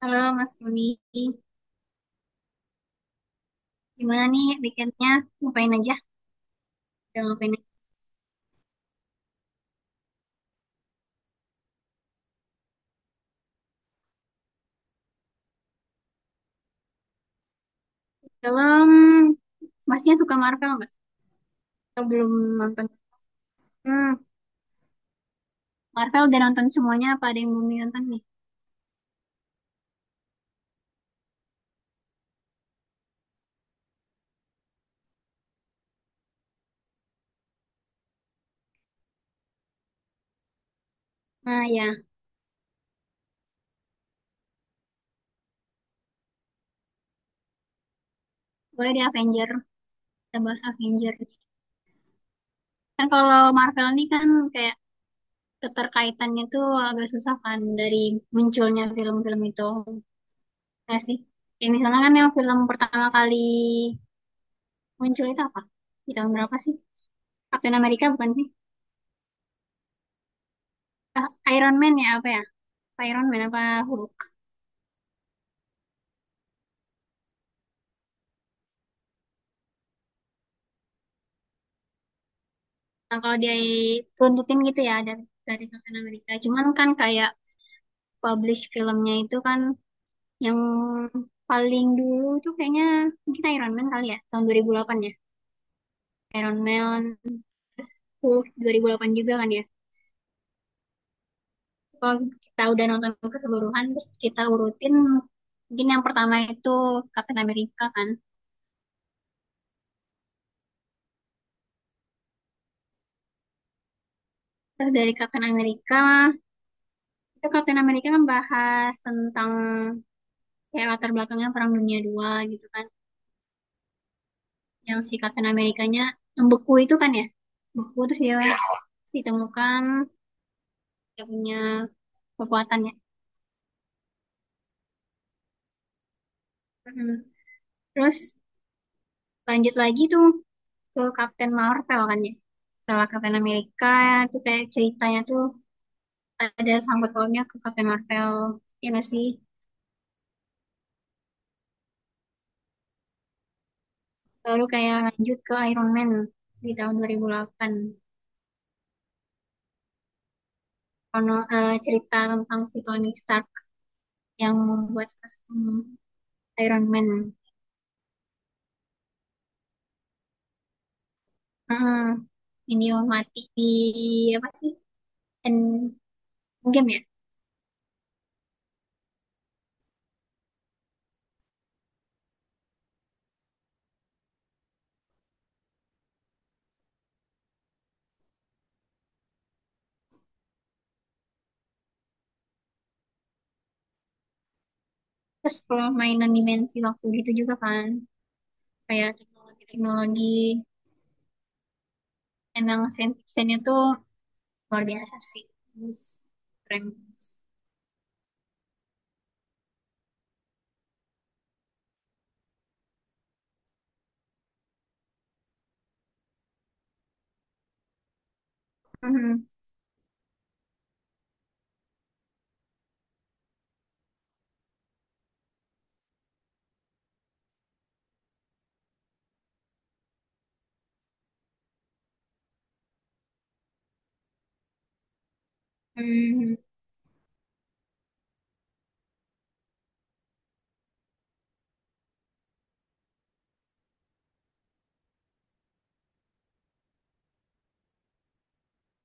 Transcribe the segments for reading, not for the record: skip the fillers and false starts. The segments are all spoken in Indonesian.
Halo Mas Roni, gimana nih weekendnya? Ngapain aja? Udah ngapain aja? Film, Masnya suka Marvel nggak? Atau belum nonton? Hmm, Marvel udah nonton semuanya, apa ada yang belum nonton nih? Nah ya, boleh di Avenger, kita bahas Avenger. Kan kalau Marvel nih kan kayak keterkaitannya tuh agak susah kan dari munculnya film-film itu. Nggak sih? Ya misalnya kan yang film pertama kali muncul itu apa? Di tahun berapa sih? Captain America bukan sih? Ah, Iron Man ya apa ya? Iron Man apa Hulk. Nah, kalau dia tuntutin gitu ya dari Captain America. Cuman kan kayak publish filmnya itu kan yang paling dulu tuh kayaknya mungkin Iron Man kali ya, tahun 2008 ya. Iron Man, terus Hulk 2008 juga kan ya. Kalau kita udah nonton keseluruhan, terus kita urutin mungkin yang pertama itu Captain America kan. Terus dari Captain America, itu Captain America kan bahas tentang kayak latar belakangnya Perang Dunia dua gitu kan. Yang si Captain Amerikanya yang beku itu kan ya, beku terus dia ditemukan, dia punya kekuatan ya. Mm, terus lanjut lagi tuh ke Captain Marvel kan ya, setelah Captain Amerika tuh kayak ceritanya tuh ada sangkut pautnya ke Captain Marvel ya masih sih baru kayak lanjut ke Iron Man di tahun 2008. Cerita tentang si Tony Stark yang membuat kostum Iron Man. Mm, ini mati di apa sih, dan game ya, terus permainan dimensi waktu gitu juga kan, kayak teknologi-teknologi, emang science fictionnya tuh luar biasa sih, terus keren. Mhm. Mhm.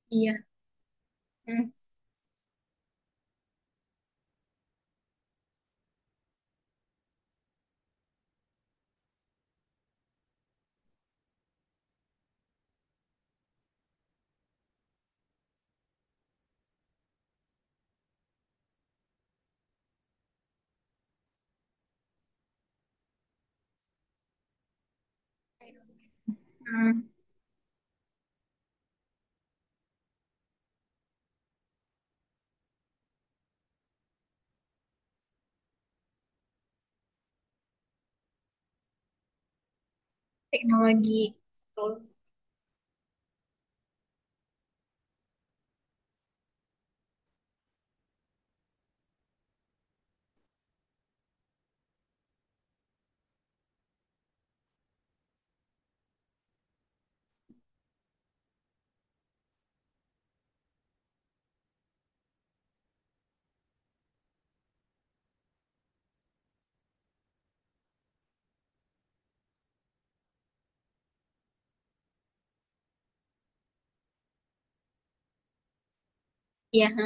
Iya. Mhm. Mhm. Teknologi, betul. Iya ha.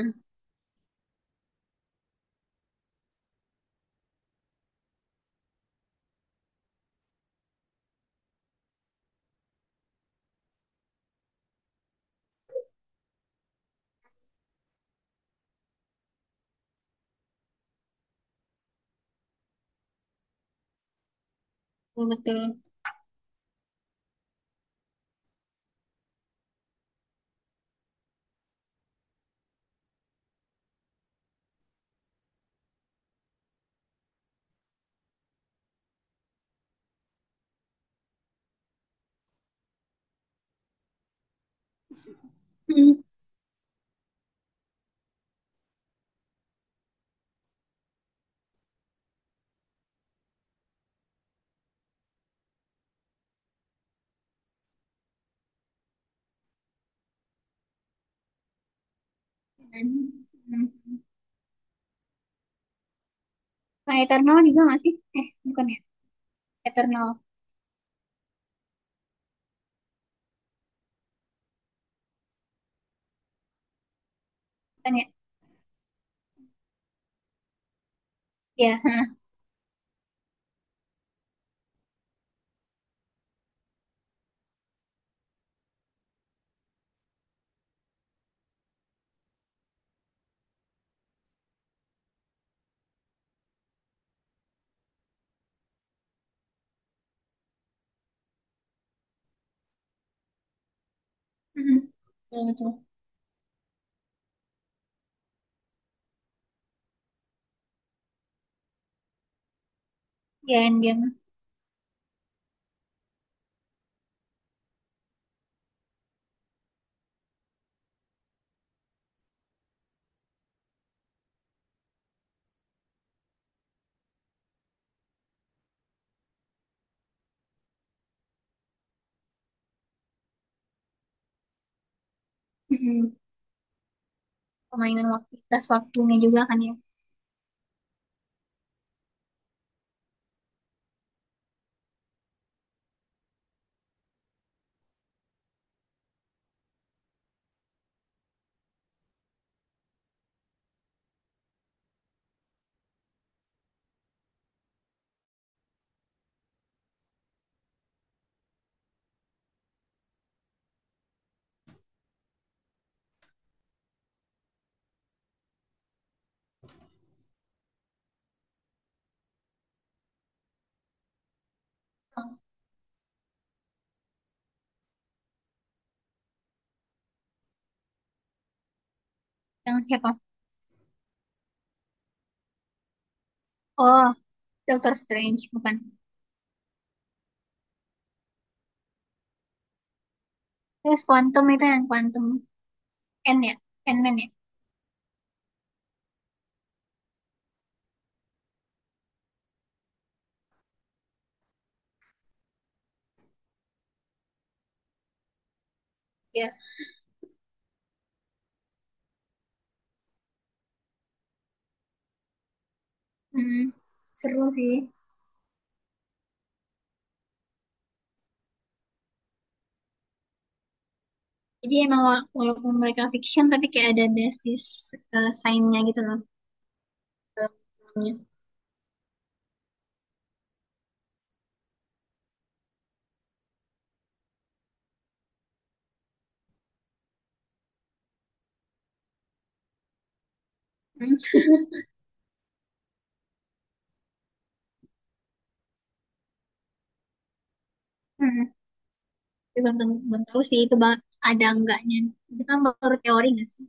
Betul, betul. Mhm. Dan, mhm. Nah, Eternal juga nggak sih, eh bukan ya, Eternal bukan ya. Iya ha. Mhm. Betul, betul. Iya, Endgame. Mhm, permainan waktu tas waktunya juga kan ya. Yang siapa? Oh, Doctor Strange bukan. Terus Quantum itu, yang Quantum N ya, Ant-Man ya. Ya. Hmm, seru sih. Jadi emang walaupun mereka fiction tapi kayak ada basis, eh, sainsnya gitu loh. Dalam filmnya. Hmm. Hmm. Tapi belum tahu sih itu ada enggaknya. Itu kan baru teori nggak sih?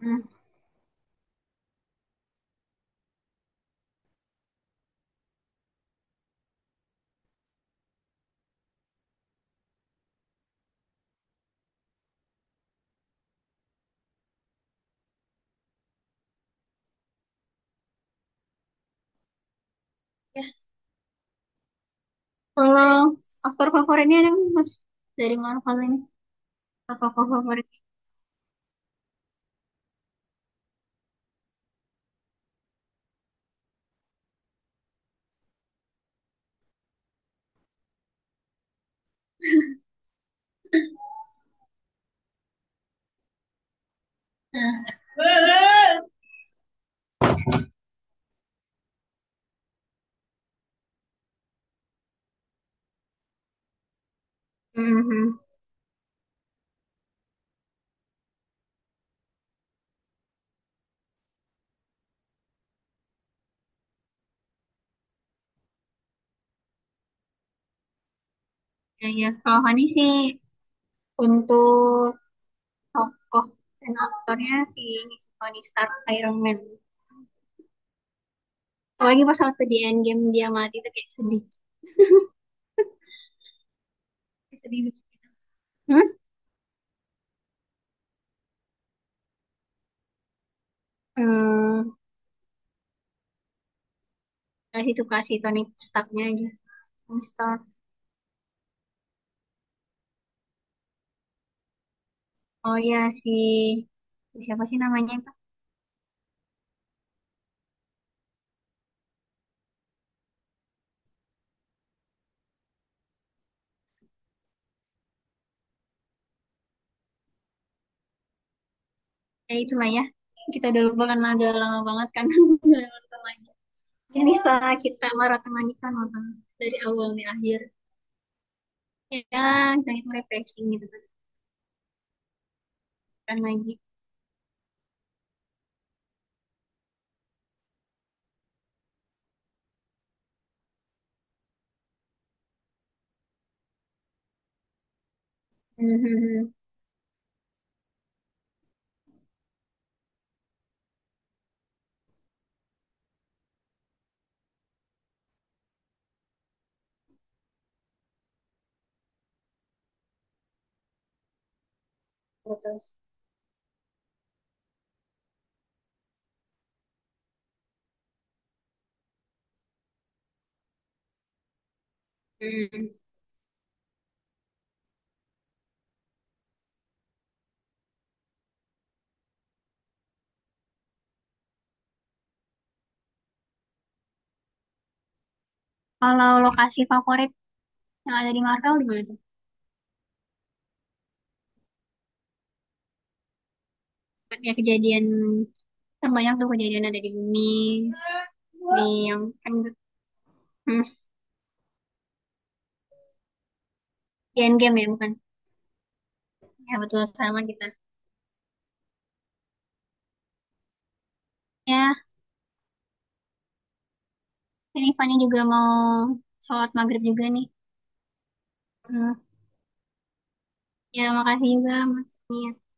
Hmm. Ya, kalau aktor favoritnya ada nggak mas, dari Marvel ini, atau tokoh favorit? Nah. Mhm. Ya, ya. Kalau Fani sih untuk tokoh dan aktornya si Tony Stark Iron Man. Apalagi pas waktu di Endgame dia mati tuh kayak sedih. Kayak sedih banget gitu. Hmm? Hmm, kasih tuh, kasih Tony Starknya aja. Tony Stark. Oh ya, si siapa sih namanya itu? Ya itulah ya. Kita udah lupa kan, agak lama banget kan. Udah nonton lagi. Ini bisa kita maratonkan nonton dari awal nih akhir. Ya, kita itu refreshing gitu kan. Kan lagi. Mhm. Betul. Hmm. Kalau lokasi favorit yang ada di Marvel gimana tuh? Ya kejadian kan banyak tuh, kejadian ada di bumi, di yang kan, hmm, di Endgame ya bukan? Ya betul, sama kita. Ya, ini Fani juga mau sholat maghrib juga nih. Hmm. Ya makasih juga Mas Fani ya.